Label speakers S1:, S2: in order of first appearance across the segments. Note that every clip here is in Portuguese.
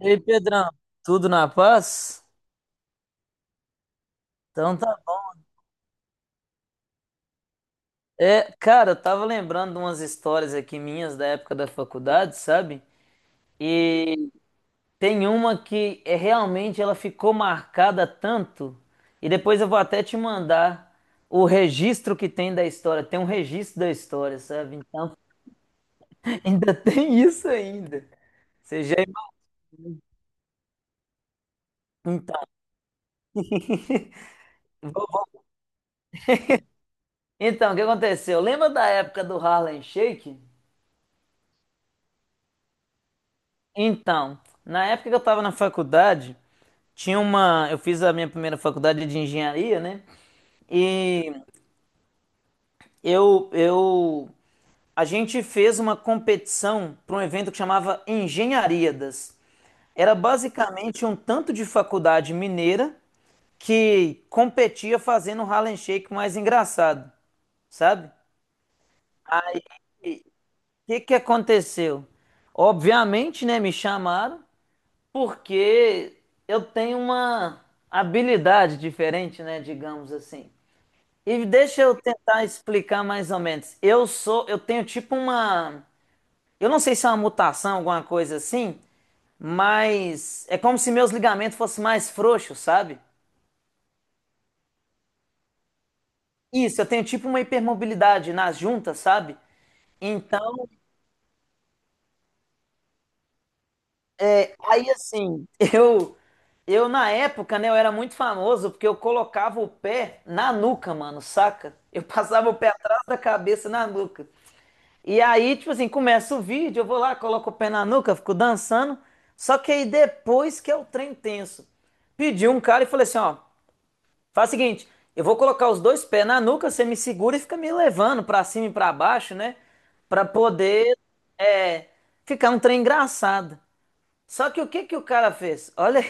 S1: E aí, Pedrão, tudo na paz? Então tá. Cara, eu tava lembrando de umas histórias aqui minhas da época da faculdade, sabe? E tem uma que é realmente ela ficou marcada tanto, e depois eu vou até te mandar o registro que tem da história, tem um registro da história, sabe? Então, ainda tem isso ainda. Você já imagina. Então, Então, o que aconteceu? Lembra da época do Harlem Shake? Então, na época que eu estava na faculdade, tinha uma. Eu fiz a minha primeira faculdade de engenharia, né? E eu, eu, a gente fez uma competição para um evento que chamava Engenhariadas. Era basicamente um tanto de faculdade mineira que competia fazendo o Harlem Shake mais engraçado, sabe? Aí, o que que aconteceu? Obviamente, né, me chamaram porque eu tenho uma habilidade diferente, né, digamos assim. E deixa eu tentar explicar mais ou menos. Eu sou, eu tenho tipo uma, eu não sei se é uma mutação, alguma coisa assim, mas é como se meus ligamentos fossem mais frouxos, sabe? Isso, eu tenho tipo uma hipermobilidade nas juntas, sabe? Então, aí assim, eu eu na época, né, eu era muito famoso porque eu colocava o pé na nuca, mano, saca? Eu passava o pé atrás da cabeça na nuca. E aí, tipo assim, começa o vídeo, eu vou lá, coloco o pé na nuca, fico dançando. Só que aí depois que é o trem tenso, pedi um cara e falei assim, ó, faz o seguinte, eu vou colocar os dois pés na nuca, você me segura e fica me levando pra cima e pra baixo, né? Pra poder é, ficar um trem engraçado. Só que o que que o cara fez? Olha,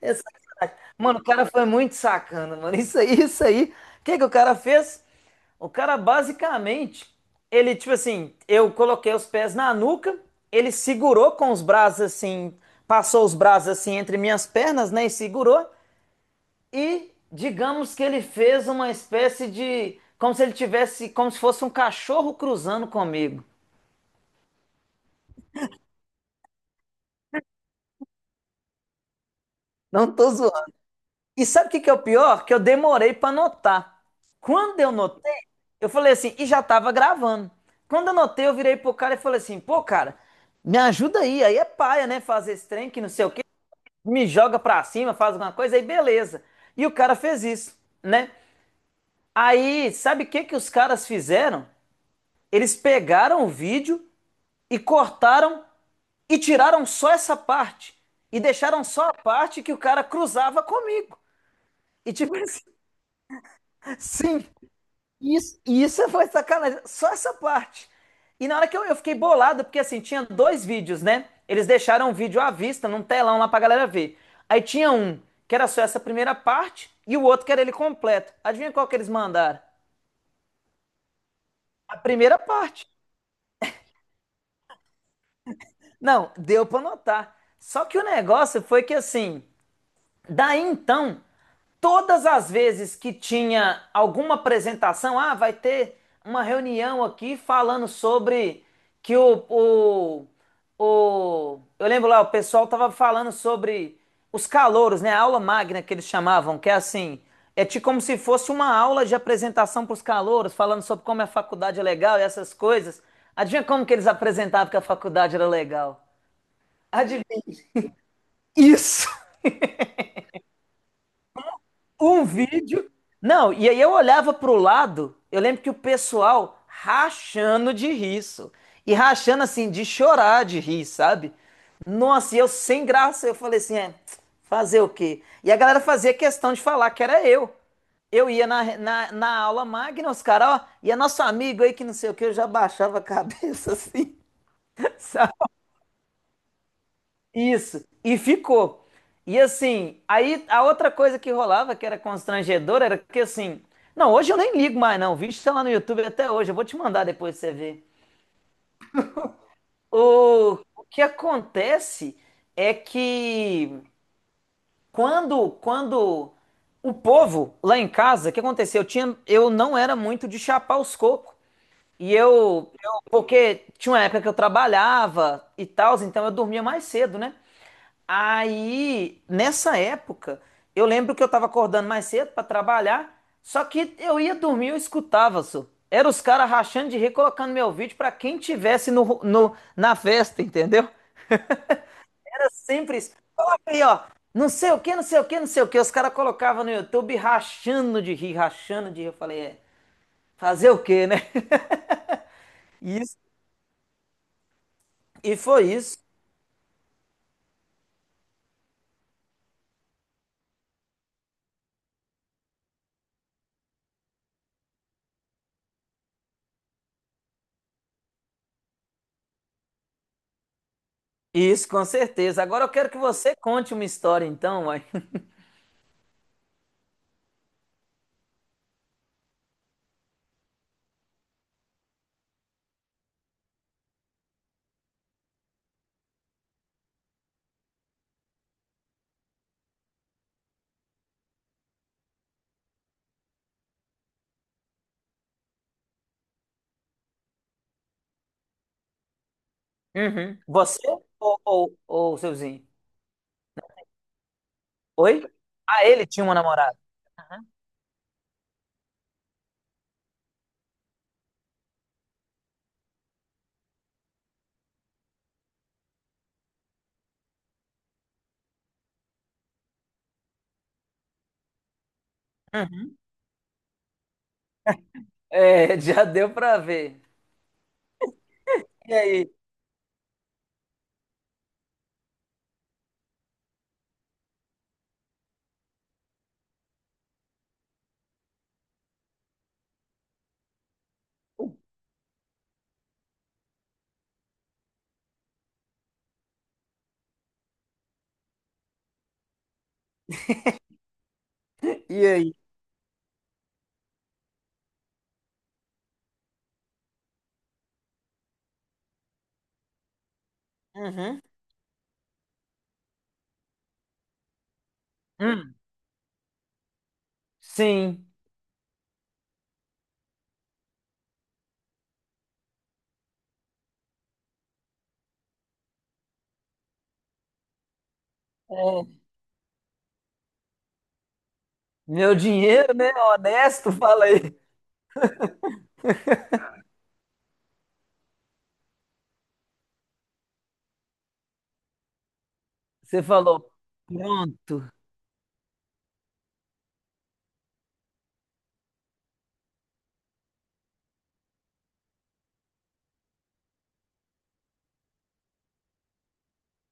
S1: É sacanagem. Mano, o cara foi muito sacana, mano. Isso aí, isso aí. O que que o cara fez? O cara basicamente, ele tipo assim, eu coloquei os pés na nuca, ele segurou com os braços assim, passou os braços assim entre minhas pernas, né, e segurou e digamos que ele fez uma espécie de como se ele tivesse, como se fosse um cachorro cruzando comigo. Não tô zoando. E sabe o que que é o pior? Que eu demorei para notar. Quando eu notei, eu falei assim, e já tava gravando. Quando eu notei, eu virei pro cara e falei assim, pô, cara, me ajuda aí. Aí é paia, né? Fazer esse trem que não sei o quê, me joga pra cima, faz alguma coisa, aí beleza. E o cara fez isso, né? Aí, sabe o que que os caras fizeram? Eles pegaram o vídeo e cortaram e tiraram só essa parte. E deixaram só a parte que o cara cruzava comigo. E tipo assim, sim, isso foi sacanagem. Só essa parte. E na hora que eu fiquei bolado, porque assim, tinha dois vídeos, né? Eles deixaram um vídeo à vista, num telão lá pra galera ver. Aí tinha um que era só essa primeira parte e o outro que era ele completo. Adivinha qual que eles mandaram? A primeira parte. Não, deu pra notar. Só que o negócio foi que assim, daí então, todas as vezes que tinha alguma apresentação, ah, vai ter uma reunião aqui falando sobre que o eu lembro lá, o pessoal tava falando sobre os calouros, né? A aula magna que eles chamavam, que é assim, é tipo como se fosse uma aula de apresentação para os calouros, falando sobre como a faculdade é legal e essas coisas. Adivinha como que eles apresentavam que a faculdade era legal? Adivinha. Isso! Um vídeo. Não, e aí eu olhava pro lado, eu lembro que o pessoal rachando de riso. E rachando assim, de chorar de rir, sabe? Nossa, e eu sem graça, eu falei assim, é, fazer o quê? E a galera fazia questão de falar que era eu. Eu ia na aula magna, os caras, ó, e é nosso amigo aí que não sei o que, eu já baixava a cabeça assim, sabe? Isso. E ficou. E assim, aí a outra coisa que rolava, que era constrangedora, era que assim, não, hoje eu nem ligo mais, não. O vídeo está lá no YouTube até hoje, eu vou te mandar depois pra você ver. O que acontece é que quando o povo lá em casa, o que aconteceu? Eu tinha, eu não era muito de chapar os cocos. E porque tinha uma época que eu trabalhava e tal, então eu dormia mais cedo, né? Aí, nessa época, eu lembro que eu tava acordando mais cedo pra trabalhar, só que eu ia dormir, eu escutava, só. Era os caras rachando de rir, colocando meu vídeo pra quem tivesse na festa, entendeu? Era sempre isso. Coloca aí, ó, não sei o que, não sei o que, não sei o que. Os caras colocavam no YouTube rachando de rir, rachando de rir. Eu falei, é, fazer o quê, né? E isso, e foi isso. Isso, com certeza. Agora eu quero que você conte uma história, então, uai. Uhum. Você ou, ou o seu vizinho? Oi? Ah, ele tinha uma namorada. Uhum. É, já deu pra ver. E aí? E aí? Uhum. Hum, sim. É, meu dinheiro, né? Honesto, fala aí. Você falou, pronto.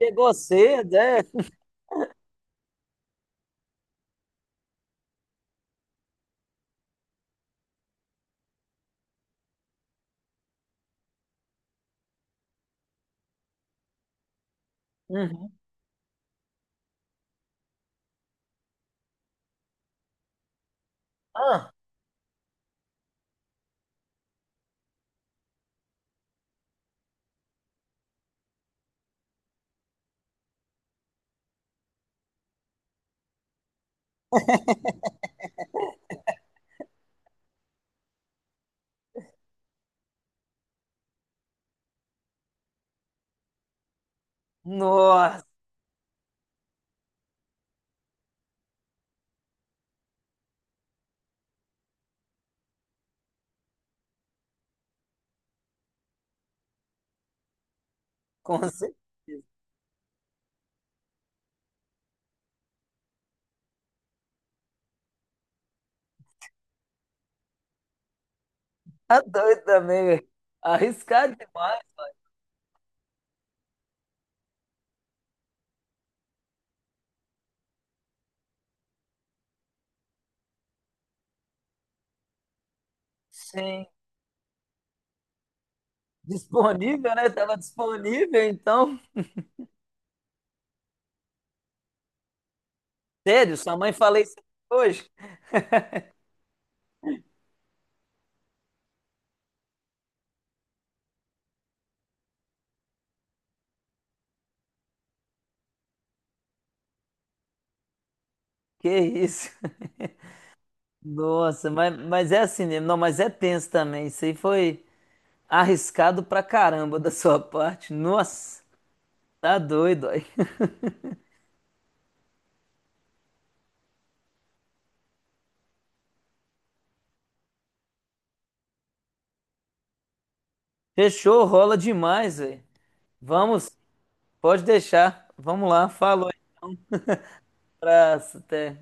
S1: Chegou cedo, é? Uhum. Ah, nossa, com certeza. Tá doido também, velho. Arriscado demais. Sim. Disponível, né? Tava disponível, então. Sério, sua mãe falou isso hoje? Que isso? Nossa, mas é assim mesmo. Não, mas é tenso também. Isso aí foi arriscado pra caramba da sua parte. Nossa, tá doido aí. Fechou, rola demais, velho. Vamos, pode deixar. Vamos lá, falou. Abraço, até.